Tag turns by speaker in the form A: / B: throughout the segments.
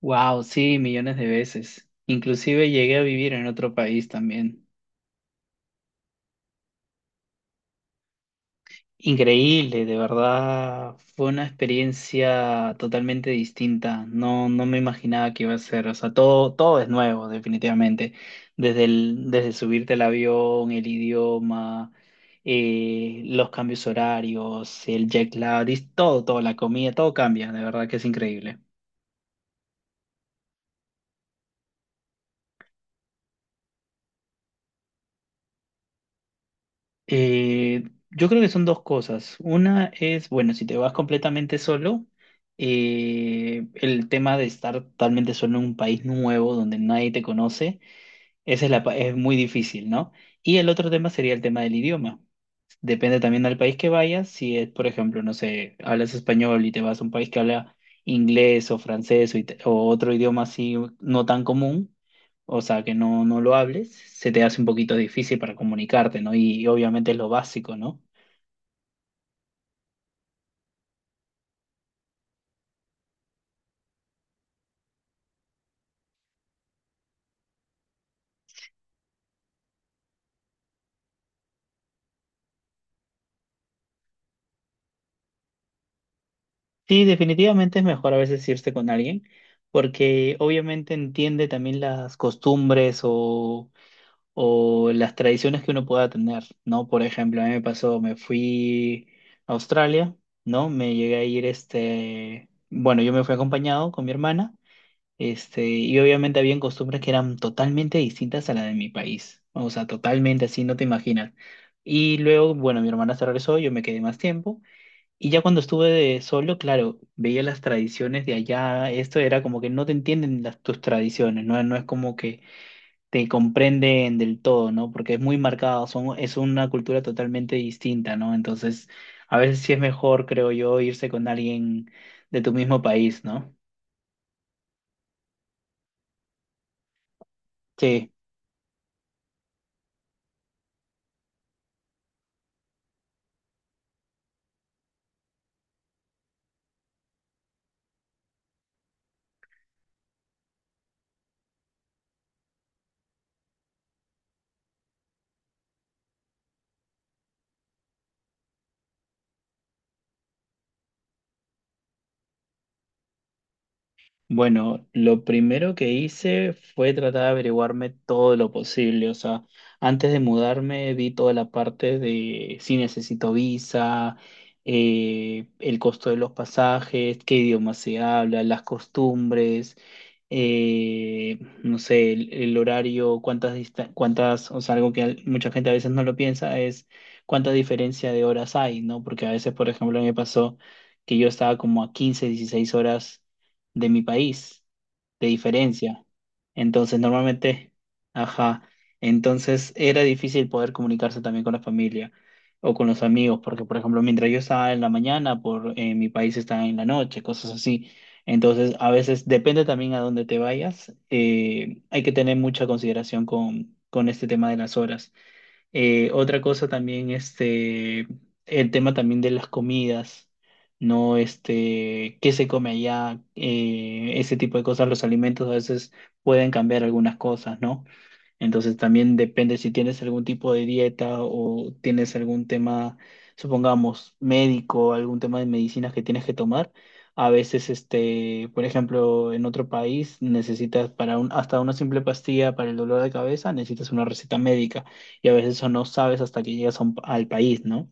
A: Wow, sí, millones de veces. Inclusive llegué a vivir en otro país también. Increíble, de verdad. Fue una experiencia totalmente distinta. No, no me imaginaba que iba a ser. O sea, todo es nuevo, definitivamente. Desde subirte al avión, el idioma, los cambios horarios, el jet lag, es todo, la comida, todo cambia. De verdad que es increíble. Eh, yo creo que son dos cosas. Una es, bueno, si te vas completamente solo, el tema de estar totalmente solo en un país nuevo donde nadie te conoce, esa es muy difícil, ¿no? Y el otro tema sería el tema del idioma. Depende también del país que vayas. Si es, por ejemplo, no sé, hablas español y te vas a un país que habla inglés o francés o otro idioma así no tan común, o sea, que no, no lo hables, se te hace un poquito difícil para comunicarte, ¿no? Y obviamente es lo básico, ¿no? Sí, definitivamente es mejor a veces irse con alguien porque obviamente entiende también las costumbres o las tradiciones que uno pueda tener, ¿no? Por ejemplo, a mí me pasó, me fui a Australia, ¿no? Me llegué a ir, este, bueno, yo me fui acompañado con mi hermana, este, y obviamente habían costumbres que eran totalmente distintas a la de mi país, o sea, totalmente así, no te imaginas. Y luego, bueno, mi hermana se regresó, yo me quedé más tiempo, y ya cuando estuve de solo, claro, veía las tradiciones de allá, esto era como que no te entienden tus tradiciones, ¿no? No es como que te comprenden del todo, ¿no? Porque es muy marcado, es una cultura totalmente distinta, ¿no? Entonces, a veces sí es mejor, creo yo, irse con alguien de tu mismo país, ¿no? Sí. Bueno, lo primero que hice fue tratar de averiguarme todo lo posible. O sea, antes de mudarme vi toda la parte de si necesito visa, el costo de los pasajes, qué idioma se habla, las costumbres, eh, no sé, el horario, cuántas, o sea, algo que mucha gente a veces no lo piensa es cuánta diferencia de horas hay, ¿no? Porque a veces, por ejemplo, me pasó que yo estaba como a 15 16 horas de mi país, de diferencia. Entonces, normalmente, ajá, entonces era difícil poder comunicarse también con la familia o con los amigos, porque, por ejemplo, mientras yo estaba en la mañana, por mi país estaba en la noche, cosas así. Entonces, a veces depende también a dónde te vayas, hay que tener mucha consideración con este tema de las horas. Otra cosa también, este, el tema también de las comidas, ¿no? Este, qué se come allá, ese tipo de cosas, los alimentos a veces pueden cambiar algunas cosas, ¿no? Entonces también depende si tienes algún tipo de dieta o tienes algún tema, supongamos, médico, algún tema de medicinas que tienes que tomar. A veces, este, por ejemplo, en otro país necesitas para hasta una simple pastilla para el dolor de cabeza, necesitas una receta médica y a veces eso no sabes hasta que llegas a al país, ¿no?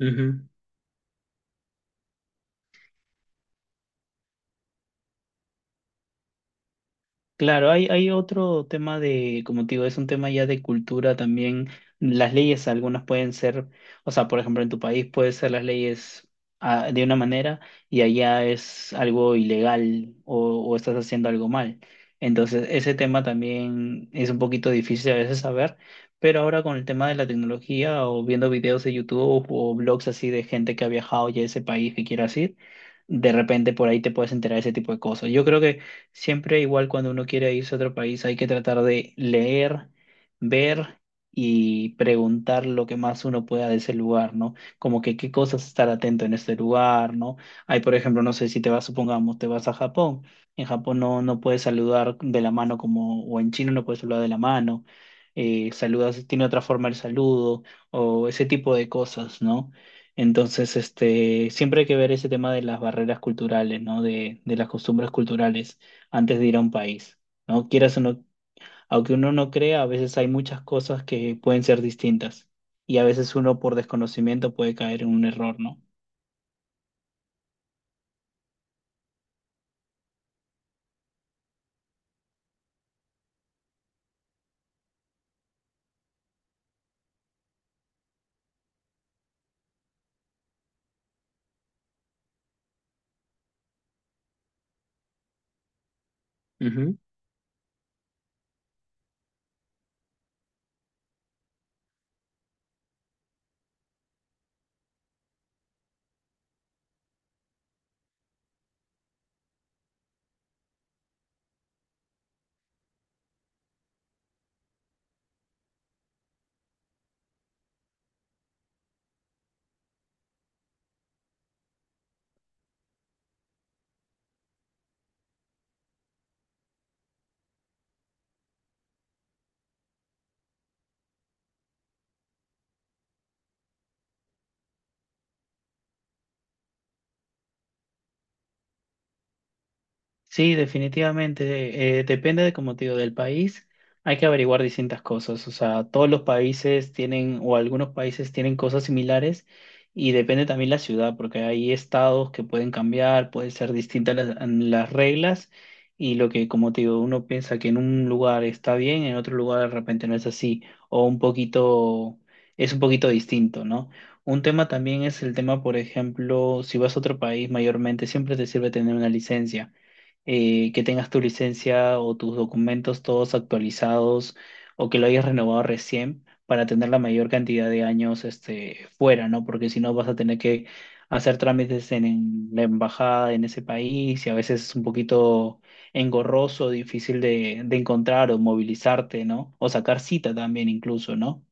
A: Ujú. Claro, hay otro tema de, como te digo, es un tema ya de cultura también. Las leyes, algunas pueden ser, o sea, por ejemplo, en tu país puede ser las leyes de una manera y allá es algo ilegal o estás haciendo algo mal. Entonces, ese tema también es un poquito difícil a veces saber, pero ahora con el tema de la tecnología o viendo videos de YouTube o blogs así de gente que ha viajado ya a ese país que quieras ir, de repente por ahí te puedes enterar de ese tipo de cosas. Yo creo que siempre igual cuando uno quiere irse a otro país hay que tratar de leer, ver y preguntar lo que más uno pueda de ese lugar, ¿no? Como que qué cosas estar atento en este lugar, ¿no? Hay, por ejemplo, no sé si te vas, supongamos, te vas a Japón. En Japón no, no puedes saludar de la mano como, o en China no puedes saludar de la mano. Saludas, tiene otra forma el saludo o ese tipo de cosas, ¿no? Entonces, este, siempre hay que ver ese tema de las barreras culturales, ¿no? De las costumbres culturales antes de ir a un país, ¿no? Quieras o no, aunque uno no crea, a veces hay muchas cosas que pueden ser distintas y a veces uno por desconocimiento puede caer en un error, ¿no? Ujú. Sí, definitivamente. Depende de, como te digo, del país. Hay que averiguar distintas cosas. O sea, todos los países tienen, o algunos países tienen cosas similares y depende también la ciudad, porque hay estados que pueden cambiar, pueden ser distintas las reglas y lo que, como te digo, uno piensa que en un lugar está bien, en otro lugar de repente no es así, o un poquito, es un poquito distinto, ¿no? Un tema también es el tema, por ejemplo, si vas a otro país, mayormente siempre te sirve tener una licencia que tengas tu licencia o tus documentos todos actualizados o que lo hayas renovado recién para tener la mayor cantidad de años este, fuera, ¿no? Porque si no vas a tener que hacer trámites en la embajada en ese país y a veces es un poquito engorroso, difícil de encontrar o movilizarte, ¿no? O sacar cita también incluso, ¿no?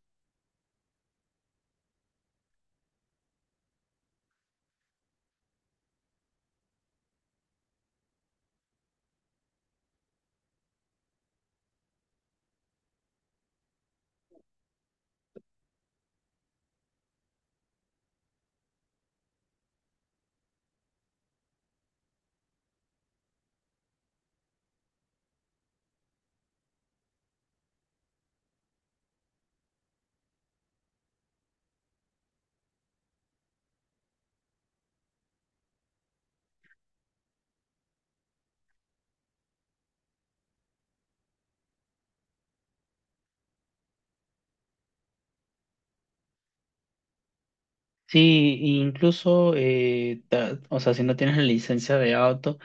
A: Sí, incluso, o sea, si no tienes la licencia de auto,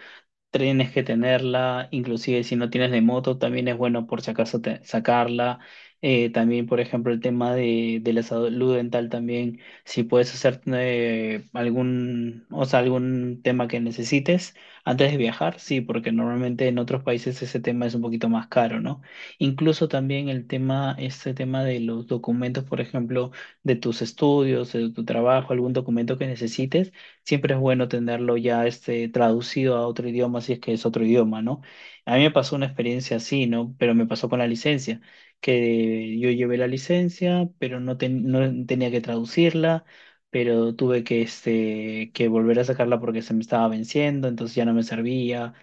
A: tienes que tenerla, inclusive si no tienes de moto, también es bueno por si acaso sacarla. También, por ejemplo, el tema de la salud dental también, si puedes hacer algún, o sea, algún tema que necesites antes de viajar, sí, porque normalmente en otros países ese tema es un poquito más caro, ¿no? Incluso también el tema, este tema de los documentos, por ejemplo, de tus estudios, de tu trabajo, algún documento que necesites siempre es bueno tenerlo ya este, traducido a otro idioma si es que es otro idioma, ¿no? A mí me pasó una experiencia así, ¿no? Pero me pasó con la licencia, que yo llevé la licencia, pero no, no tenía que traducirla, pero tuve que, este, que volver a sacarla porque se me estaba venciendo, entonces ya no me servía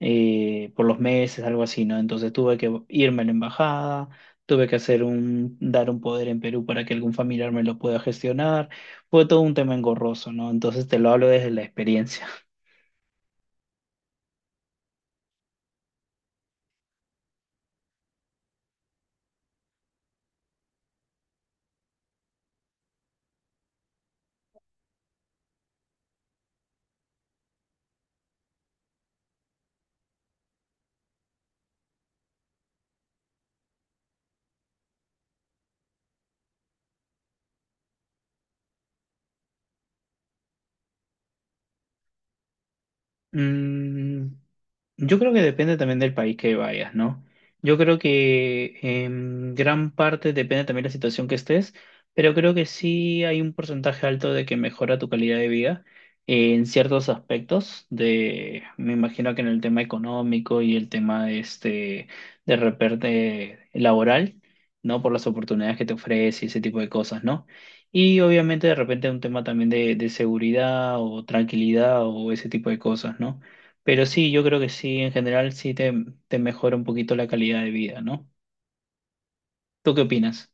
A: por los meses, algo así, ¿no? Entonces tuve que irme a la embajada, tuve que dar un poder en Perú para que algún familiar me lo pueda gestionar. Fue todo un tema engorroso, ¿no? Entonces te lo hablo desde la experiencia. Mm, yo creo que depende también del país que vayas, ¿no? Yo creo que en gran parte depende también de la situación que estés, pero creo que sí hay un porcentaje alto de que mejora tu calidad de vida en ciertos aspectos de, me imagino que en el tema económico y el tema este de repente laboral, ¿no? Por las oportunidades que te ofrece y ese tipo de cosas, ¿no? Y obviamente de repente un tema también de seguridad o tranquilidad o ese tipo de cosas, ¿no? Pero sí, yo creo que sí, en general sí te mejora un poquito la calidad de vida, ¿no? ¿Tú qué opinas?